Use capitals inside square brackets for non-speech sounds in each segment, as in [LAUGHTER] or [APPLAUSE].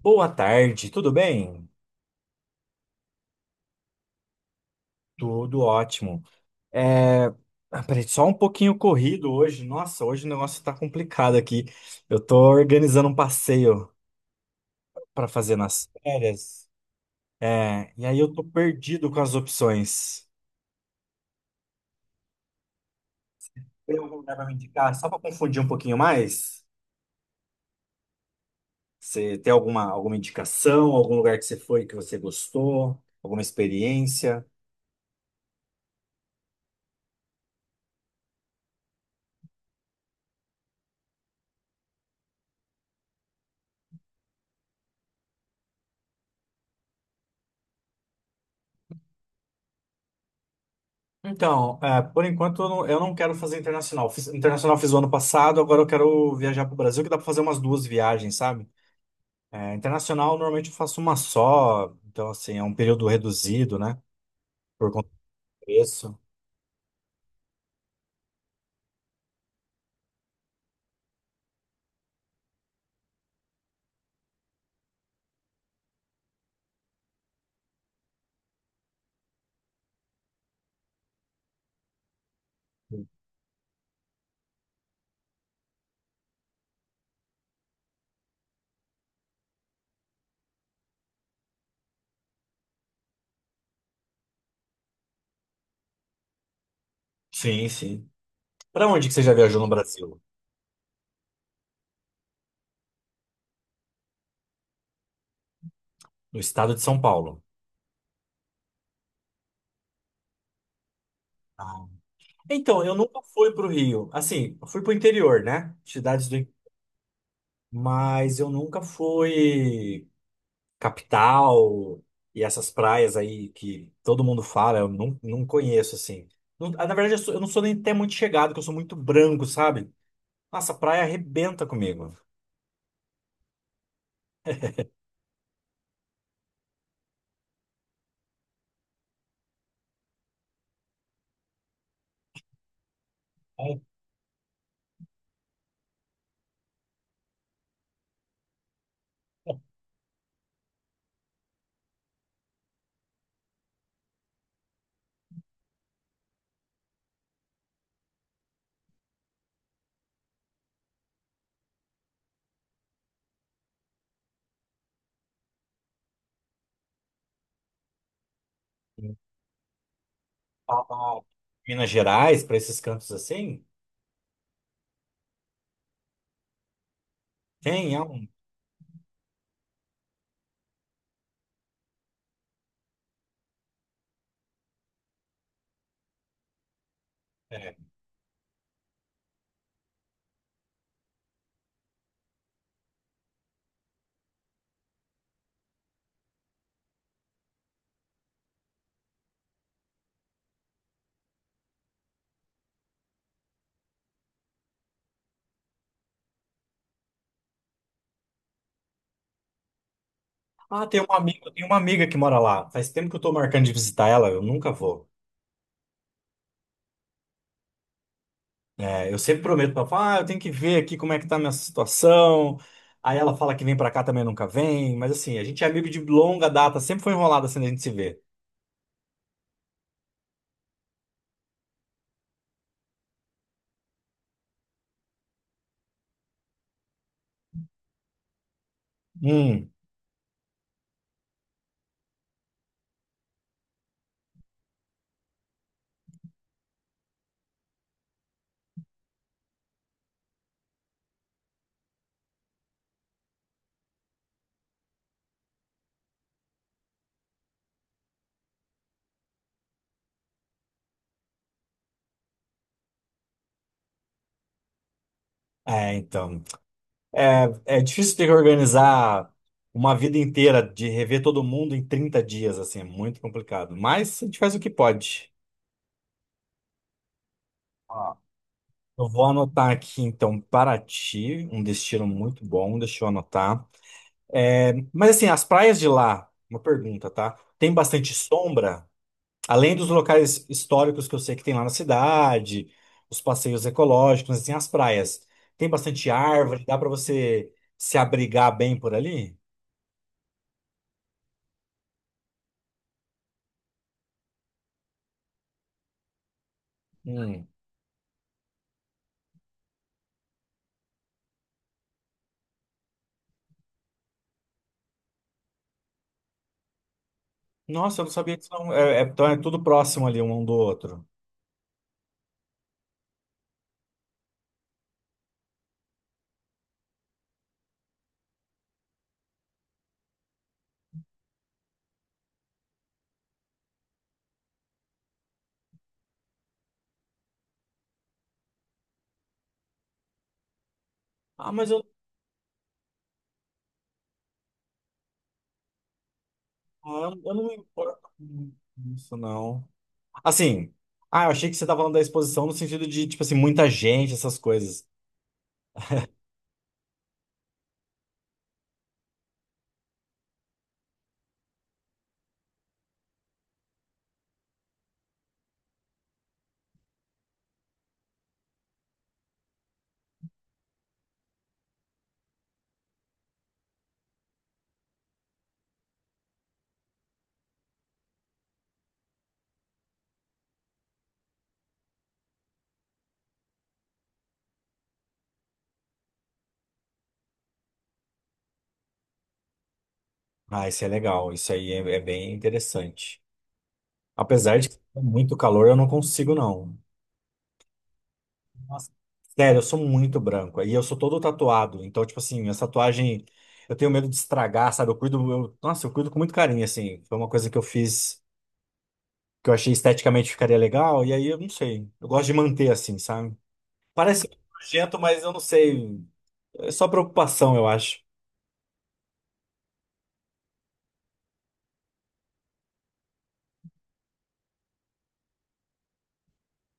Boa tarde, tudo bem? Tudo ótimo. É... ah, peraí, só um pouquinho corrido hoje. Nossa, hoje o negócio tá complicado aqui. Eu tô organizando um passeio pra fazer nas férias. E aí eu tô perdido com as opções. Tem algum lugar pra me indicar? Só pra confundir um pouquinho mais? Você tem alguma indicação? Algum lugar que você foi que você gostou? Alguma experiência? Então, é, por enquanto eu não quero fazer internacional. Internacional fiz o ano passado, agora eu quero viajar para o Brasil, que dá para fazer umas duas viagens, sabe? É, internacional normalmente eu faço uma só, então assim, é um período reduzido, né? Por conta do preço. Sim, sim. Para onde que você já viajou no Brasil? No estado de São Paulo. Ah. Então, eu nunca fui para o Rio. Assim, eu fui para o interior, né? Cidades do. Mas eu nunca fui. Capital e essas praias aí que todo mundo fala, eu não, não conheço, assim. Na verdade, eu não sou nem até muito chegado, que eu sou muito branco, sabe? Nossa, a praia arrebenta comigo. Ai, pra Minas Gerais, pra esses cantos assim, tem, é um. É. Ah, tem uma amiga que mora lá. Faz tempo que eu tô marcando de visitar ela, eu nunca vou. É, eu sempre prometo para ela, falo, ah, eu tenho que ver aqui como é que tá a minha situação. Aí ela fala que vem para cá também nunca vem, mas assim, a gente é amigo de longa data, sempre foi enrolado assim a gente se vê. Hum, é, então. É difícil ter que organizar uma vida inteira de rever todo mundo em 30 dias, assim, é muito complicado. Mas a gente faz o que pode. Ó, eu vou anotar aqui, então, Paraty, um destino muito bom, deixa eu anotar. É, mas assim, as praias de lá, uma pergunta, tá? Tem bastante sombra? Além dos locais históricos que eu sei que tem lá na cidade, os passeios ecológicos, tem as praias. Tem bastante árvore, dá para você se abrigar bem por ali? Hum. Nossa, eu não sabia que isso então é tudo próximo ali um do outro. Ah, mas eu, ah, eu não me importo com isso, não. Assim, ah, eu achei que você estava falando da exposição no sentido de, tipo assim, muita gente, essas coisas. Ah, isso é legal, isso aí é bem interessante. Apesar de que é muito calor, eu não consigo, não. Nossa, sério, eu sou muito branco. E eu sou todo tatuado. Então, tipo assim, essa tatuagem, eu tenho medo de estragar, sabe? Nossa, eu cuido com muito carinho, assim. Foi uma coisa que eu fiz que eu achei esteticamente ficaria legal. E aí, eu não sei. Eu gosto de manter assim, sabe? Parece nojento, mas eu não sei. É só preocupação, eu acho.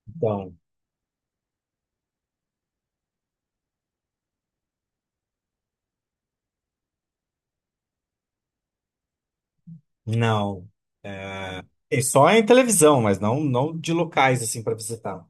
Então, não. E só em televisão, mas não, não de locais, assim, pra visitar.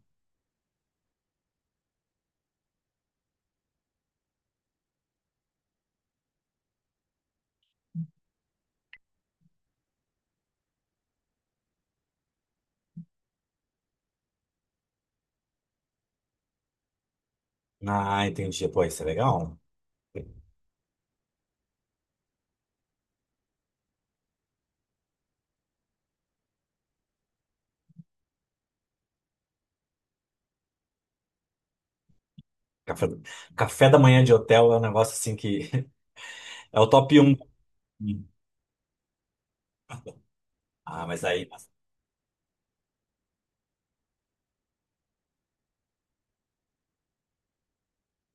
Ah, entendi. Pô, isso é legal. Café, café da manhã de hotel é um negócio assim que [LAUGHS] é o top um. Ah, mas aí.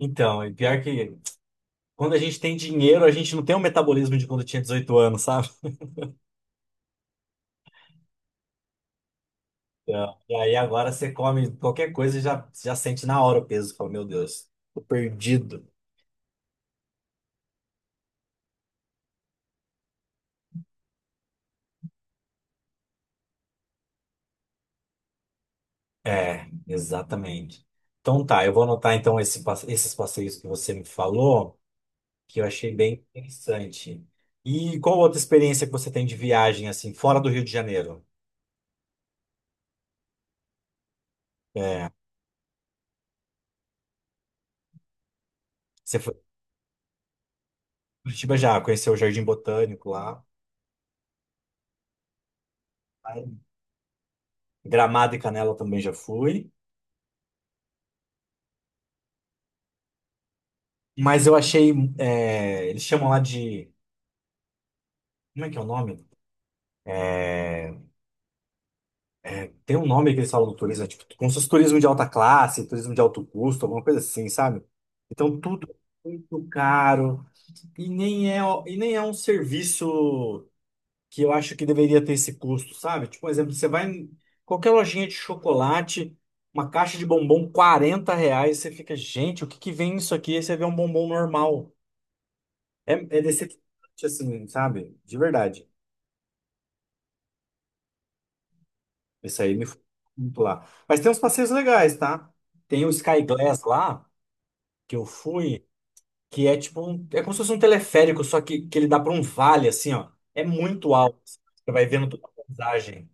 Então, e pior que quando a gente tem dinheiro, a gente não tem o metabolismo de quando tinha 18 anos, sabe? Então, e aí agora você come qualquer coisa e já sente na hora o peso. Você fala, meu Deus, tô perdido. É, exatamente. Então tá, eu vou anotar então esses passeios que você me falou, que eu achei bem interessante. E qual outra experiência que você tem de viagem, assim, fora do Rio de Janeiro? É, você foi para Curitiba já, conheceu o Jardim Botânico lá. Gramado e Canela também já fui. Mas eu achei. É, eles chamam lá de. Como é que é o nome? É, tem um nome que eles falam do turismo, é tipo, como se fosse turismo de alta classe, turismo de alto custo, alguma coisa assim, sabe? Então tudo é muito caro e nem é, e nem é um serviço que eu acho que deveria ter esse custo, sabe? Tipo, por exemplo, você vai em qualquer lojinha de chocolate, uma caixa de bombom, R$ 40, você fica, gente, o que que vem isso aqui? Aí você vê um bombom normal. É decepcionante, assim, sabe? De verdade. Esse aí me foi muito lá. Mas tem uns passeios legais, tá? Tem o Sky Glass lá, que eu fui, que é tipo um, é como se fosse um teleférico, só que ele dá para um vale, assim, ó. É muito alto, assim. Você vai vendo toda a paisagem.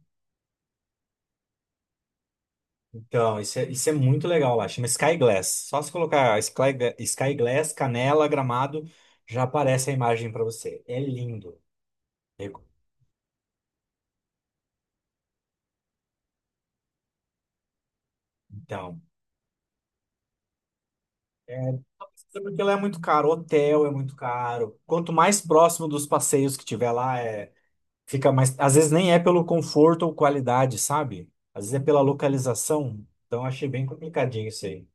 Então, isso é muito legal lá. Chama Sky Glass. Só se colocar Sky Glass, Canela, Gramado, já aparece a imagem para você. É lindo. Então, é, porque lá é muito caro. Hotel é muito caro. Quanto mais próximo dos passeios que tiver lá, fica mais. Às vezes nem é pelo conforto ou qualidade, sabe? Às vezes é pela localização. Então achei bem complicadinho isso aí.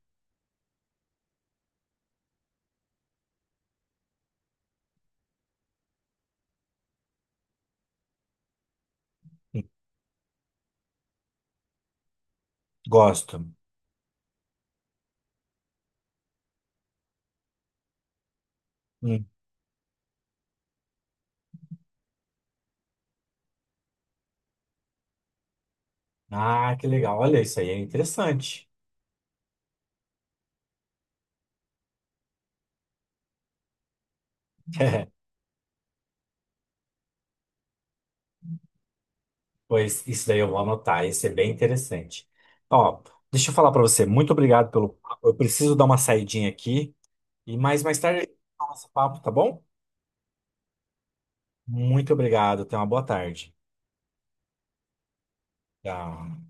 Hum. Gosto. Hum. Ah, que legal. Olha, isso aí é interessante. [LAUGHS] Pois isso daí eu vou anotar. Isso é bem interessante. Ó, deixa eu falar para você. Muito obrigado pelo papo. Eu preciso dar uma saidinha aqui. E mais tarde, nosso papo, tá bom? Muito obrigado. Tenha uma boa tarde. Tchau.